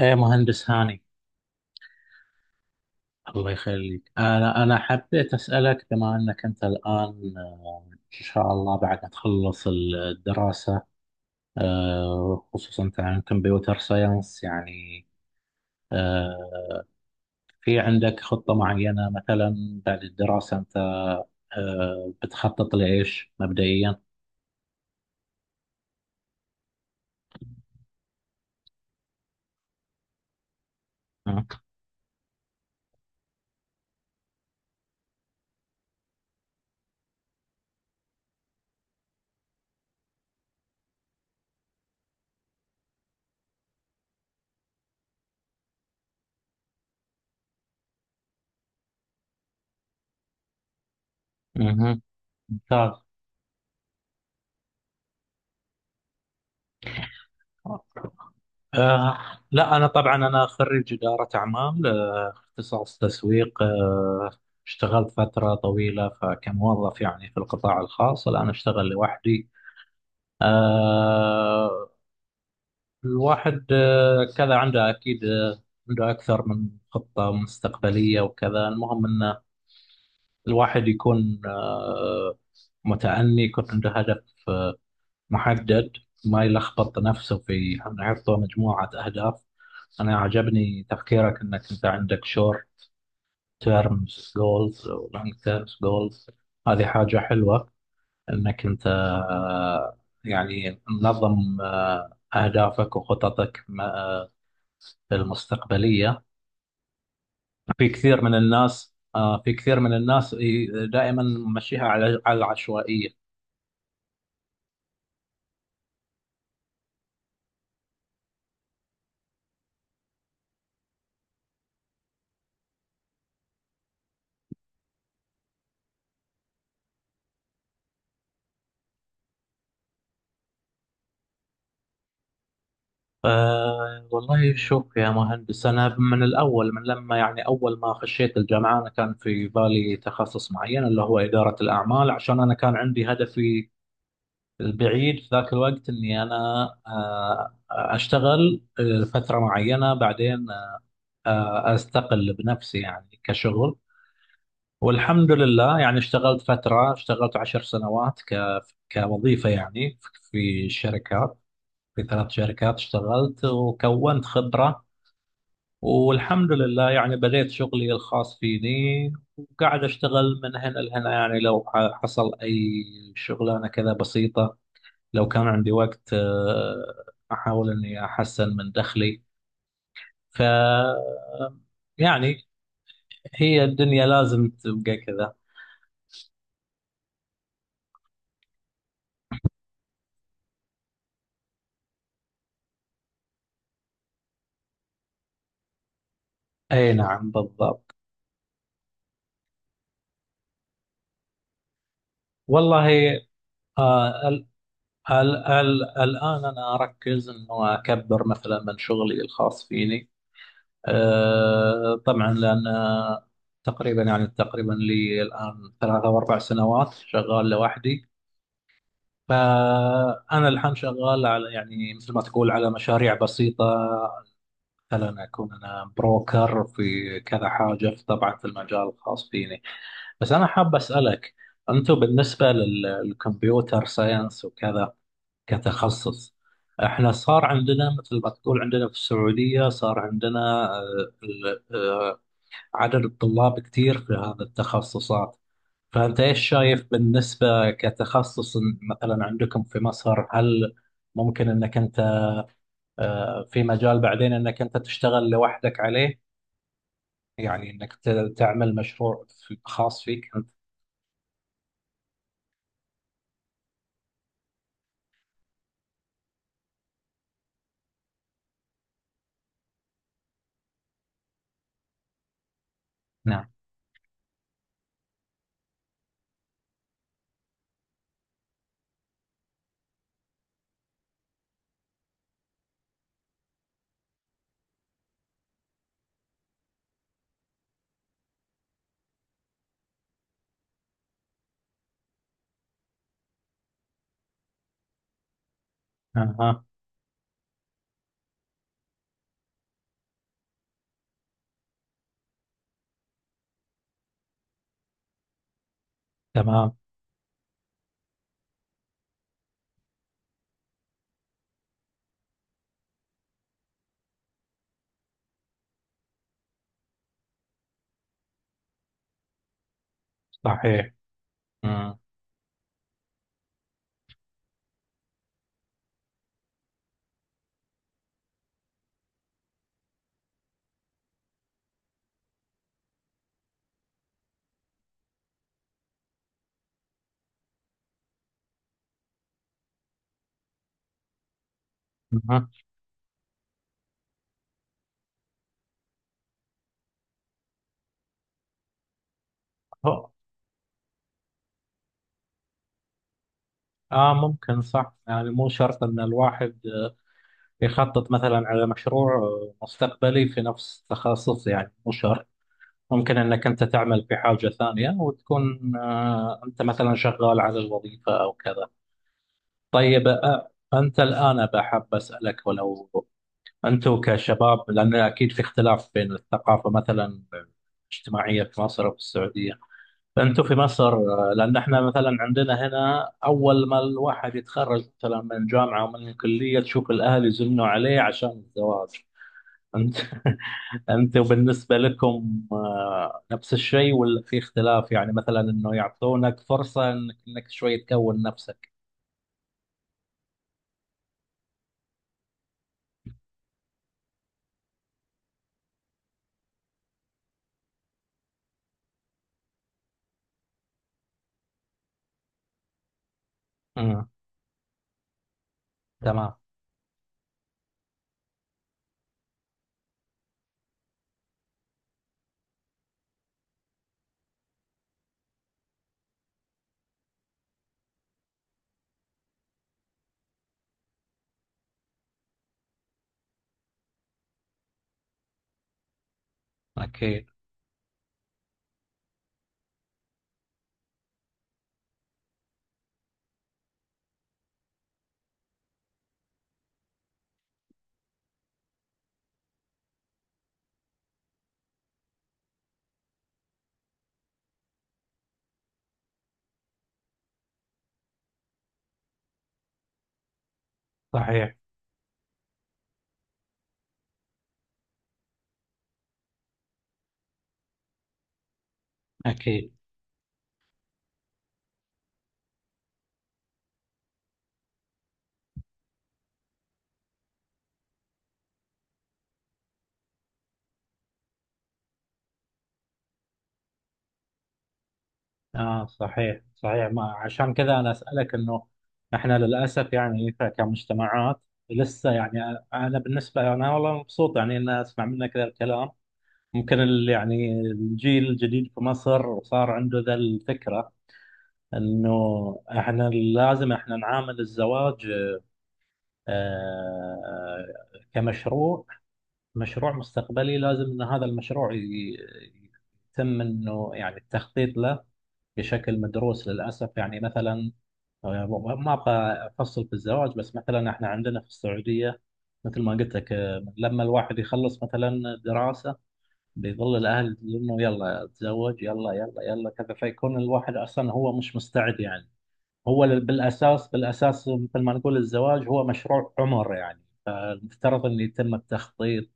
ايه مهندس هاني. الله يخليك، انا حبيت اسالك بما انك انت الان، ان شاء الله بعد ما تخلص الدراسه، خصوصا انت عن كمبيوتر ساينس يعني، آه، في عندك خطه معينه مثلا بعد الدراسه انت، بتخطط لايش مبدئيا؟ مم. مهم. ممتاز. آه لا، أنا طبعا خريج إدارة أعمال، اختصاص تسويق. اشتغلت فترة طويلة فكموظف يعني في القطاع الخاص، الآن أشتغل لوحدي. آه، الواحد كذا عنده أكيد، عنده أكثر من خطة مستقبلية وكذا. المهم أن الواحد يكون متأني، يكون عنده هدف آه، محدد، ما يلخبط نفسه في أنه يحط مجموعة أهداف. أنا عجبني تفكيرك أنك أنت عندك شور تيرمز جولز ولونج تيرمز جولز، هذه حاجة حلوة، انك انت، يعني منظم، اهدافك وخططك المستقبلية. في كثير من الناس، في كثير من الناس دائما ممشيها على العشوائية. والله شوف يا مهندس، أنا من الأول، من لما يعني أول ما خشيت الجامعة، أنا كان في بالي تخصص معين اللي هو إدارة الأعمال، عشان أنا كان عندي هدفي البعيد في ذاك الوقت اني اشتغل فتره معينه، بعدين استقل بنفسي يعني كشغل. والحمد لله يعني اشتغلت فتره، اشتغلت 10 سنوات كوظيفه يعني، في شركات، في 3 شركات اشتغلت وكونت خبره. والحمد لله يعني بديت شغلي الخاص فيني، وقاعد اشتغل من هنا لهنا يعني، لو حصل اي شغلانه كذا بسيطه، لو كان عندي وقت، أحاول إني أحسن من دخلي. ف يعني هي الدنيا لازم تبقى كذا. أي نعم، بالضبط. والله، ال ال ال الآن أنا أركز إنه أكبر مثلا من شغلي الخاص فيني. طبعا، لأن تقريبا يعني تقريبا لي الآن 3 أو 4 سنوات شغال لوحدي. فأنا الحين شغال على يعني مثل ما تقول على مشاريع بسيطة، مثلا أكون أنا بروكر في كذا حاجة، في طبعا في المجال الخاص فيني. بس أنا حاب أسألك، أنتم بالنسبة للكمبيوتر ساينس وكذا كتخصص، احنا صار عندنا مثل ما تقول، عندنا في السعودية صار عندنا، آه، ال- آه، عدد الطلاب كتير في هذا التخصصات. فأنت إيش شايف بالنسبة كتخصص مثلا عندكم في مصر، هل ممكن أنك أنت في مجال بعدين أنك أنت تشتغل لوحدك عليه؟ يعني انك تعمل مشروع خاص فيك انت. نعم. اها. تمام. صحيح. مم. اها. هو- اه ممكن، صح، يعني مو شرط ان الواحد يخطط مثلا على مشروع مستقبلي في نفس تخصص، يعني مو شرط، ممكن انك انت تعمل في حاجة ثانية وتكون، انت مثلا شغال على الوظيفة او كذا. طيب، انت الان بحب اسالك، ولو أنتوا كشباب، لأن أكيد في اختلاف بين الثقافة مثلا الاجتماعية في مصر وفي السعودية، فأنتوا في مصر، لأن إحنا مثلا عندنا هنا أول ما الواحد يتخرج مثلا من جامعة ومن الكلية، تشوف الأهل يزنوا عليه عشان الزواج. أنت أنتوا بالنسبة لكم، نفس الشيء ولا في اختلاف؟ يعني مثلا إنه يعطونك فرصة إنك شوي تكون نفسك؟ امم. تمام. أكيد. صحيح. أكيد. اه. صحيح، صحيح. ما عشان كذا انا اسالك، انه احنا للاسف يعني كمجتمعات لسه يعني، انا بالنسبه انا والله مبسوط يعني ان اسمع منك ذا الكلام. ممكن يعني الجيل الجديد في مصر صار عنده ذا الفكره، انه احنا لازم نعامل الزواج آه كمشروع، مشروع مستقبلي. لازم ان هذا المشروع يتم انه يعني التخطيط له بشكل مدروس. للاسف يعني مثلا، آه، ما ابغى افصل في الزواج، بس مثلا احنا عندنا في السعوديه مثل ما قلت لك، لما الواحد يخلص مثلا دراسه، بيظل الاهل انه يلا اتزوج يلا يلا يلا كذا، فيكون الواحد اصلا هو مش مستعد يعني. هو بالاساس، بالاساس مثل ما نقول الزواج هو مشروع عمر يعني، المفترض ان يتم التخطيط.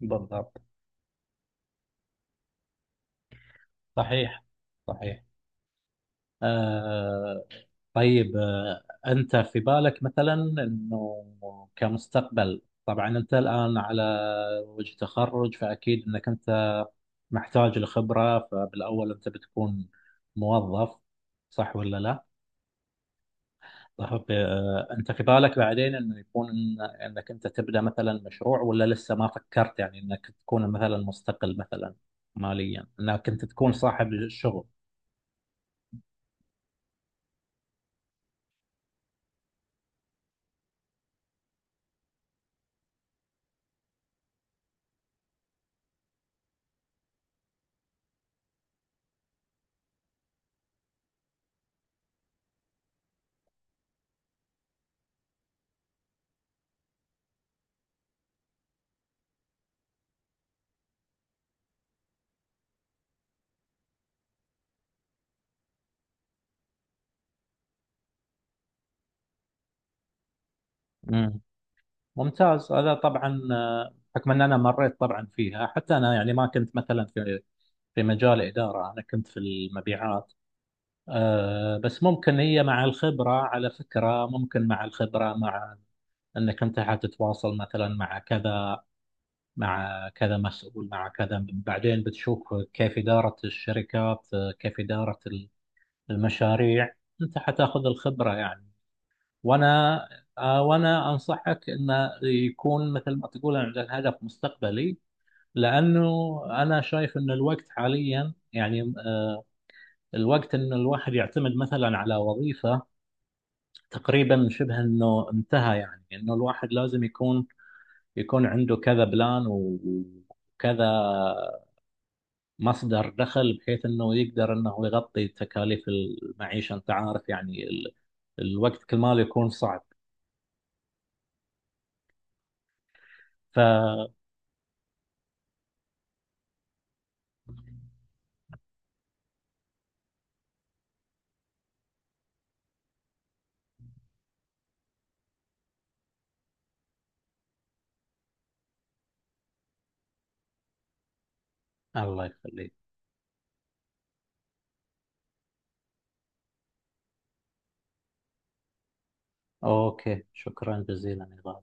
بالضبط. صحيح. صحيح. آه، طيب، أنت في بالك مثلا أنه كمستقبل، طبعا أنت الآن على وجه تخرج، فأكيد أنك أنت محتاج لخبرة، فبالأول أنت بتكون موظف، صح ولا لا؟ طيب، أنت في بالك بعدين أنه يكون أنك أنت تبدأ مثلا مشروع، ولا لسه ما فكرت يعني أنك تكون مثلا مستقل، مثلا ماليا، أنك أنت تكون صاحب الشغل؟ ممتاز، هذا طبعا، بحكم ان انا مريت طبعا فيها، حتى انا يعني ما كنت مثلا في مجال اداره، انا كنت في المبيعات. بس ممكن هي مع الخبره، على فكره ممكن مع الخبره، مع انك انت حتتواصل مثلا مع كذا، مع كذا مسؤول، مع كذا بعدين بتشوف كيف اداره الشركات، كيف اداره المشاريع، انت حتاخذ الخبره يعني. وانا وانا انصحك انه يكون مثل ما تقول عندك هدف مستقبلي، لانه انا شايف ان الوقت حاليا يعني، الوقت ان الواحد يعتمد مثلا على وظيفة تقريبا شبه انه انتهى يعني، انه الواحد لازم يكون، عنده كذا بلان وكذا مصدر دخل بحيث انه يقدر انه يغطي تكاليف المعيشة، انت عارف يعني الوقت كل ما يكون صعب. ف الله يخليك. اوكي، شكرا جزيلا.